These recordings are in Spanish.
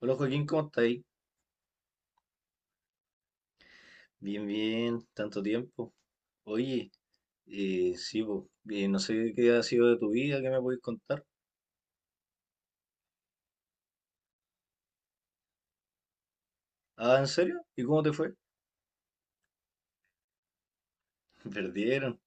Hola Joaquín, ¿cómo estáis? Bien, bien, tanto tiempo. Oye, no sé qué ha sido de tu vida, qué me podéis contar. Ah, ¿en serio? ¿Y cómo te fue? Perdieron.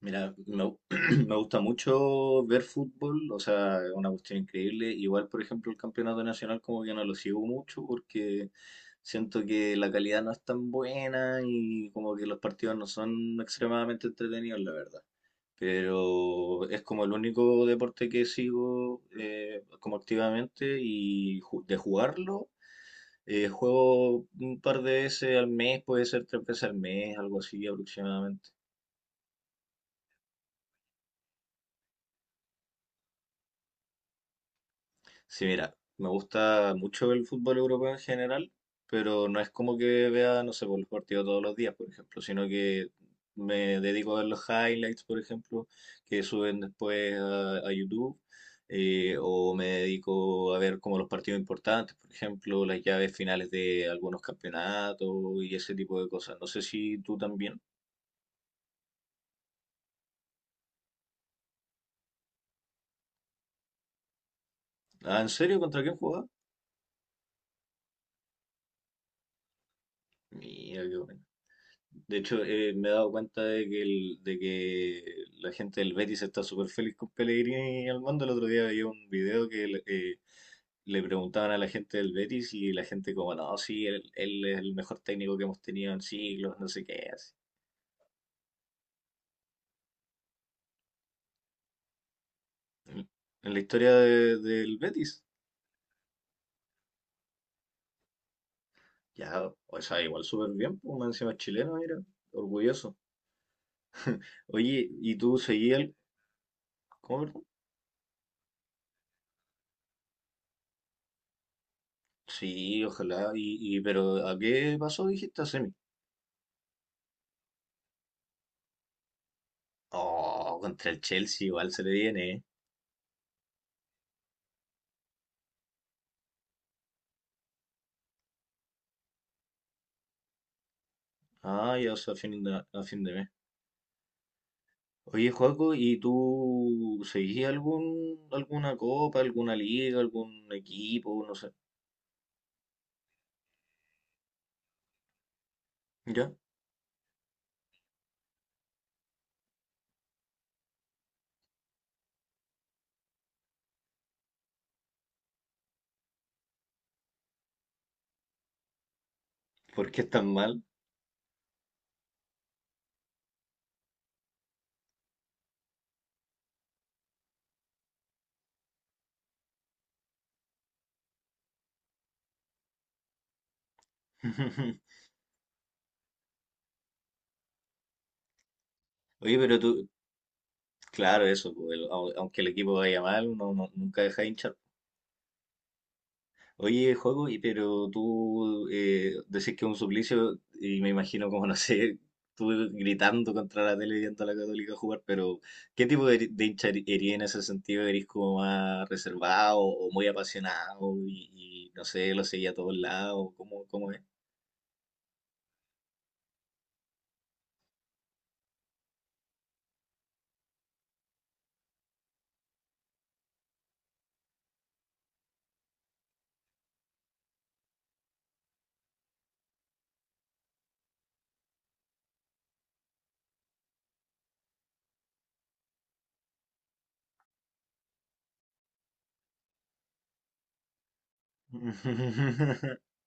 Mira, me gusta mucho ver fútbol, o sea, es una cuestión increíble. Igual, por ejemplo, el campeonato nacional como que no lo sigo mucho porque siento que la calidad no es tan buena y como que los partidos no son extremadamente entretenidos, la verdad. Pero es como el único deporte que sigo, como activamente y de jugarlo. Juego un par de veces al mes, puede ser tres veces al mes, algo así aproximadamente. Sí, mira, me gusta mucho el fútbol europeo en general, pero no es como que vea, no sé, por los partidos todos los días, por ejemplo, sino que me dedico a ver los highlights, por ejemplo, que suben después a YouTube, o me dedico a ver como los partidos importantes, por ejemplo, las llaves finales de algunos campeonatos y ese tipo de cosas. No sé si tú también. Ah, ¿en serio? ¿Contra quién jugabas? Mira, qué bueno. De hecho, me he dado cuenta de que la gente del Betis está súper feliz con Pellegrini al mando. El otro día vi un video que le preguntaban a la gente del Betis y la gente como, no, sí, él es el mejor técnico que hemos tenido en siglos, no sé qué, así. En en la historia del Betis. Ya, o sea, igual súper bien, pues, más encima es chileno, mira, orgulloso. Oye, ¿y tú seguías el... ¿Cómo, perdón? Sí, ojalá. Pero ¿a qué pasó, dijiste, a semi? Oh, contra el Chelsea igual se le viene, ¿eh? Ah, ya, o sea, a fin de mes. Oye, Joaco, ¿y tú seguís algún, alguna copa, alguna liga, algún equipo, no sé? ¿Ya? ¿Por qué es tan mal? Oye, pero tú, claro, eso, pues, aunque el equipo vaya mal, uno nunca deja de hinchar. Oye, Joaco, y pero tú, decís que es un suplicio y me imagino como, no sé, tú gritando contra la tele viendo a la Católica jugar, pero ¿qué tipo de hincha erí en ese sentido? ¿Eres como más reservado o muy apasionado y, no sé, lo seguía a todos lados? ¿Cómo, cómo es?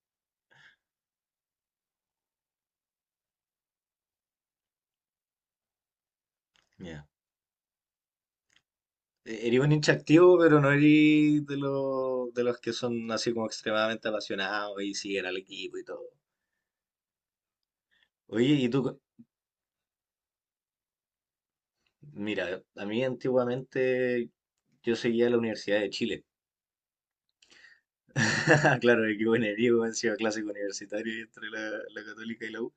Ya. Eres un hincha activo, pero no eres de los que son así como extremadamente apasionados y siguen al equipo y todo. Oye, ¿y tú? Mira, a mí antiguamente yo seguía la Universidad de Chile. Claro, qué buen enemigo, encima clásico universitario y entre la, la Católica y la U.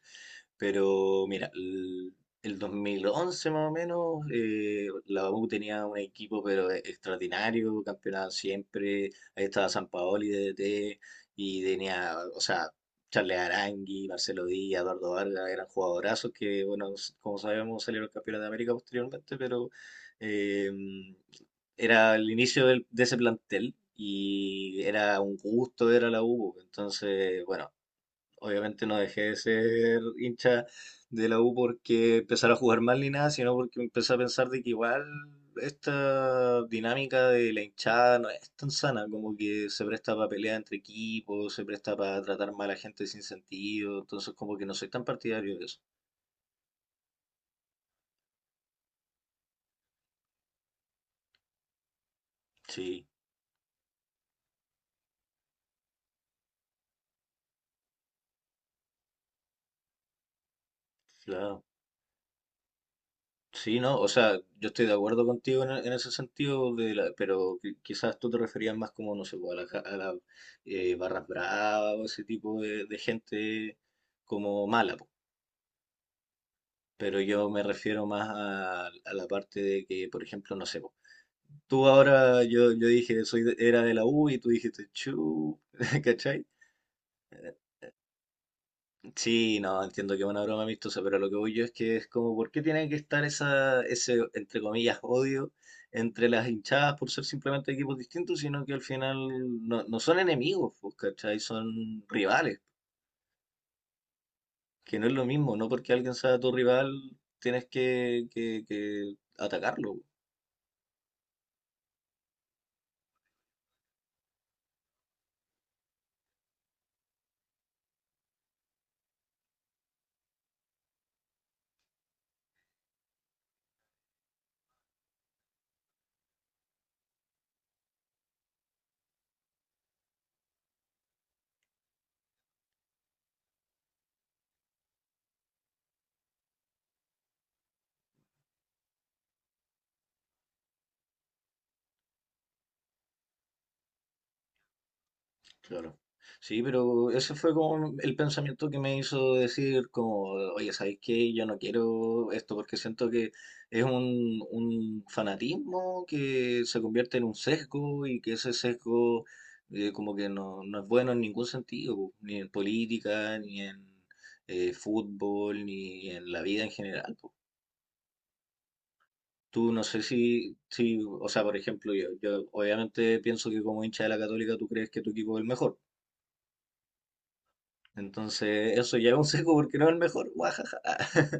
Pero mira, el 2011 más o menos, la U tenía un equipo pero extraordinario, campeonato siempre, ahí estaba Sampaoli de DT y tenía, o sea, Charles Arangui, Marcelo Díaz, Eduardo Vargas, eran jugadorazos que, bueno, como sabemos salieron campeones de América posteriormente, pero eh, era el inicio de ese plantel y era un gusto ver a la U, entonces, bueno. Obviamente no dejé de ser hincha de la U porque empezara a jugar mal ni nada, sino porque empecé a pensar de que igual esta dinámica de la hinchada no es tan sana, como que se presta para pelear entre equipos, se presta para tratar mal a gente sin sentido, entonces como que no soy tan partidario de eso. Sí. Claro. Sí, ¿no? O sea, yo estoy de acuerdo contigo en, en ese sentido, de pero quizás tú te referías más como, no sé, pues, a las barras bravas o ese tipo de gente como mala, po. Pero yo me refiero más a la parte de que, por ejemplo, no sé, po, tú ahora, yo dije, soy era de la U y tú dijiste, chu, ¿cachai? Sí, no, entiendo que es una broma amistosa, pero lo que voy yo es que es como, ¿por qué tiene que estar esa, ese, entre comillas, odio entre las hinchadas por ser simplemente equipos distintos, sino que al final no son enemigos, pues, ¿cachai? Son rivales, que no es lo mismo, no porque alguien sea tu rival tienes que atacarlo. Claro. Sí, pero ese fue como el pensamiento que me hizo decir como, oye, ¿sabes qué? Yo no quiero esto porque siento que es un fanatismo que se convierte en un sesgo y que ese sesgo, como que no es bueno en ningún sentido, po, ni en política, ni en, fútbol, ni en la vida en general, po. Tú no sé si, si, o sea, por ejemplo, yo obviamente pienso que como hincha de la Católica tú crees que tu equipo es el mejor. Entonces, eso ya es un seco porque no es el mejor. Guajaja.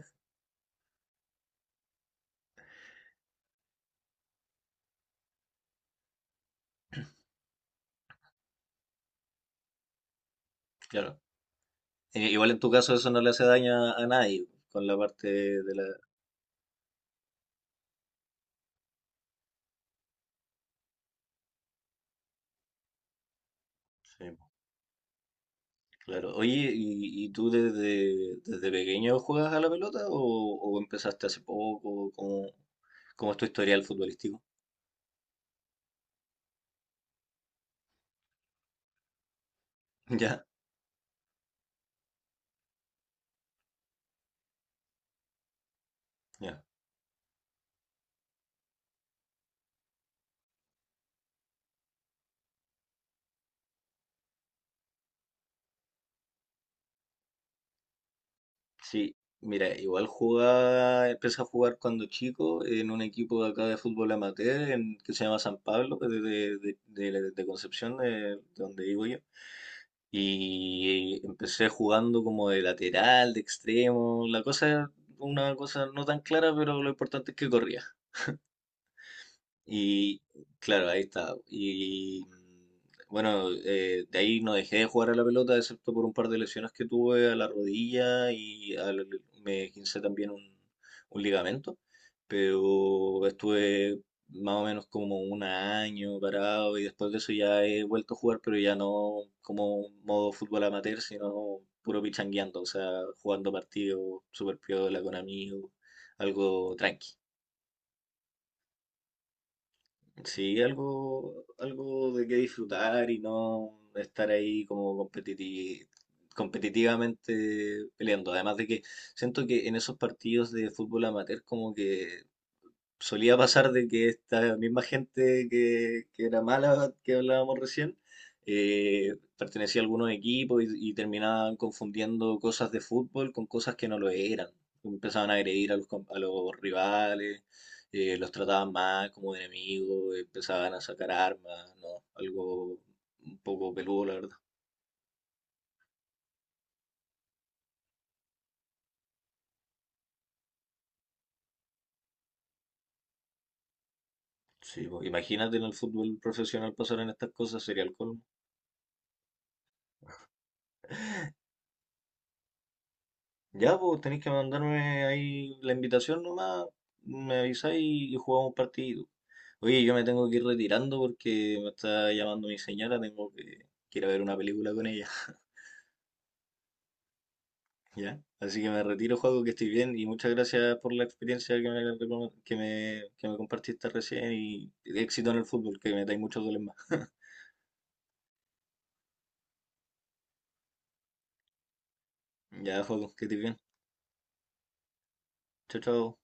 Claro. Igual en tu caso eso no le hace daño a nadie con la parte de la... Sí, claro. Oye, ¿ y tú desde, desde pequeño juegas a la pelota o empezaste hace poco? ¿Cómo, cómo es tu historial futbolístico? Ya, ya. Sí, mira, igual jugaba, empecé a jugar cuando chico en un equipo de acá de fútbol amateur que se llama San Pablo, que es de de Concepción, de donde vivo yo. Y empecé jugando como de lateral, de extremo. Una cosa no tan clara, pero lo importante es que corría. Y claro, ahí está. Y bueno, de ahí no dejé de jugar a la pelota, excepto por un par de lesiones que tuve a la rodilla y me gincé también un ligamento. Pero estuve más o menos como un año parado y después de eso ya he vuelto a jugar, pero ya no como modo fútbol amateur, sino puro pichangueando, o sea, jugando partidos super piola con amigos, algo tranqui. Sí, algo, algo de qué disfrutar y no estar ahí como competitivamente peleando. Además de que siento que en esos partidos de fútbol amateur como que solía pasar de que esta misma gente que era mala, que hablábamos recién, pertenecía a algunos equipos y terminaban confundiendo cosas de fútbol con cosas que no lo eran. Empezaban a agredir a los, a los rivales, los trataban mal como de enemigos, empezaban a sacar armas, ¿no? Algo un poco peludo, la verdad. Sí, pues, imagínate en el fútbol profesional pasar en estas cosas, sería el colmo. Ya, pues tenéis que mandarme ahí la invitación nomás, me avisáis y jugamos un partido. Oye, yo me tengo que ir retirando porque me está llamando mi señora, tengo que ir a ver una película con ella, ¿ya? Así que me retiro, juego que estoy bien y muchas gracias por la experiencia que me, recom- que me compartiste recién y éxito en el fútbol, que metáis muchos goles más. Ya, juego, que estés bien. Chao, chao.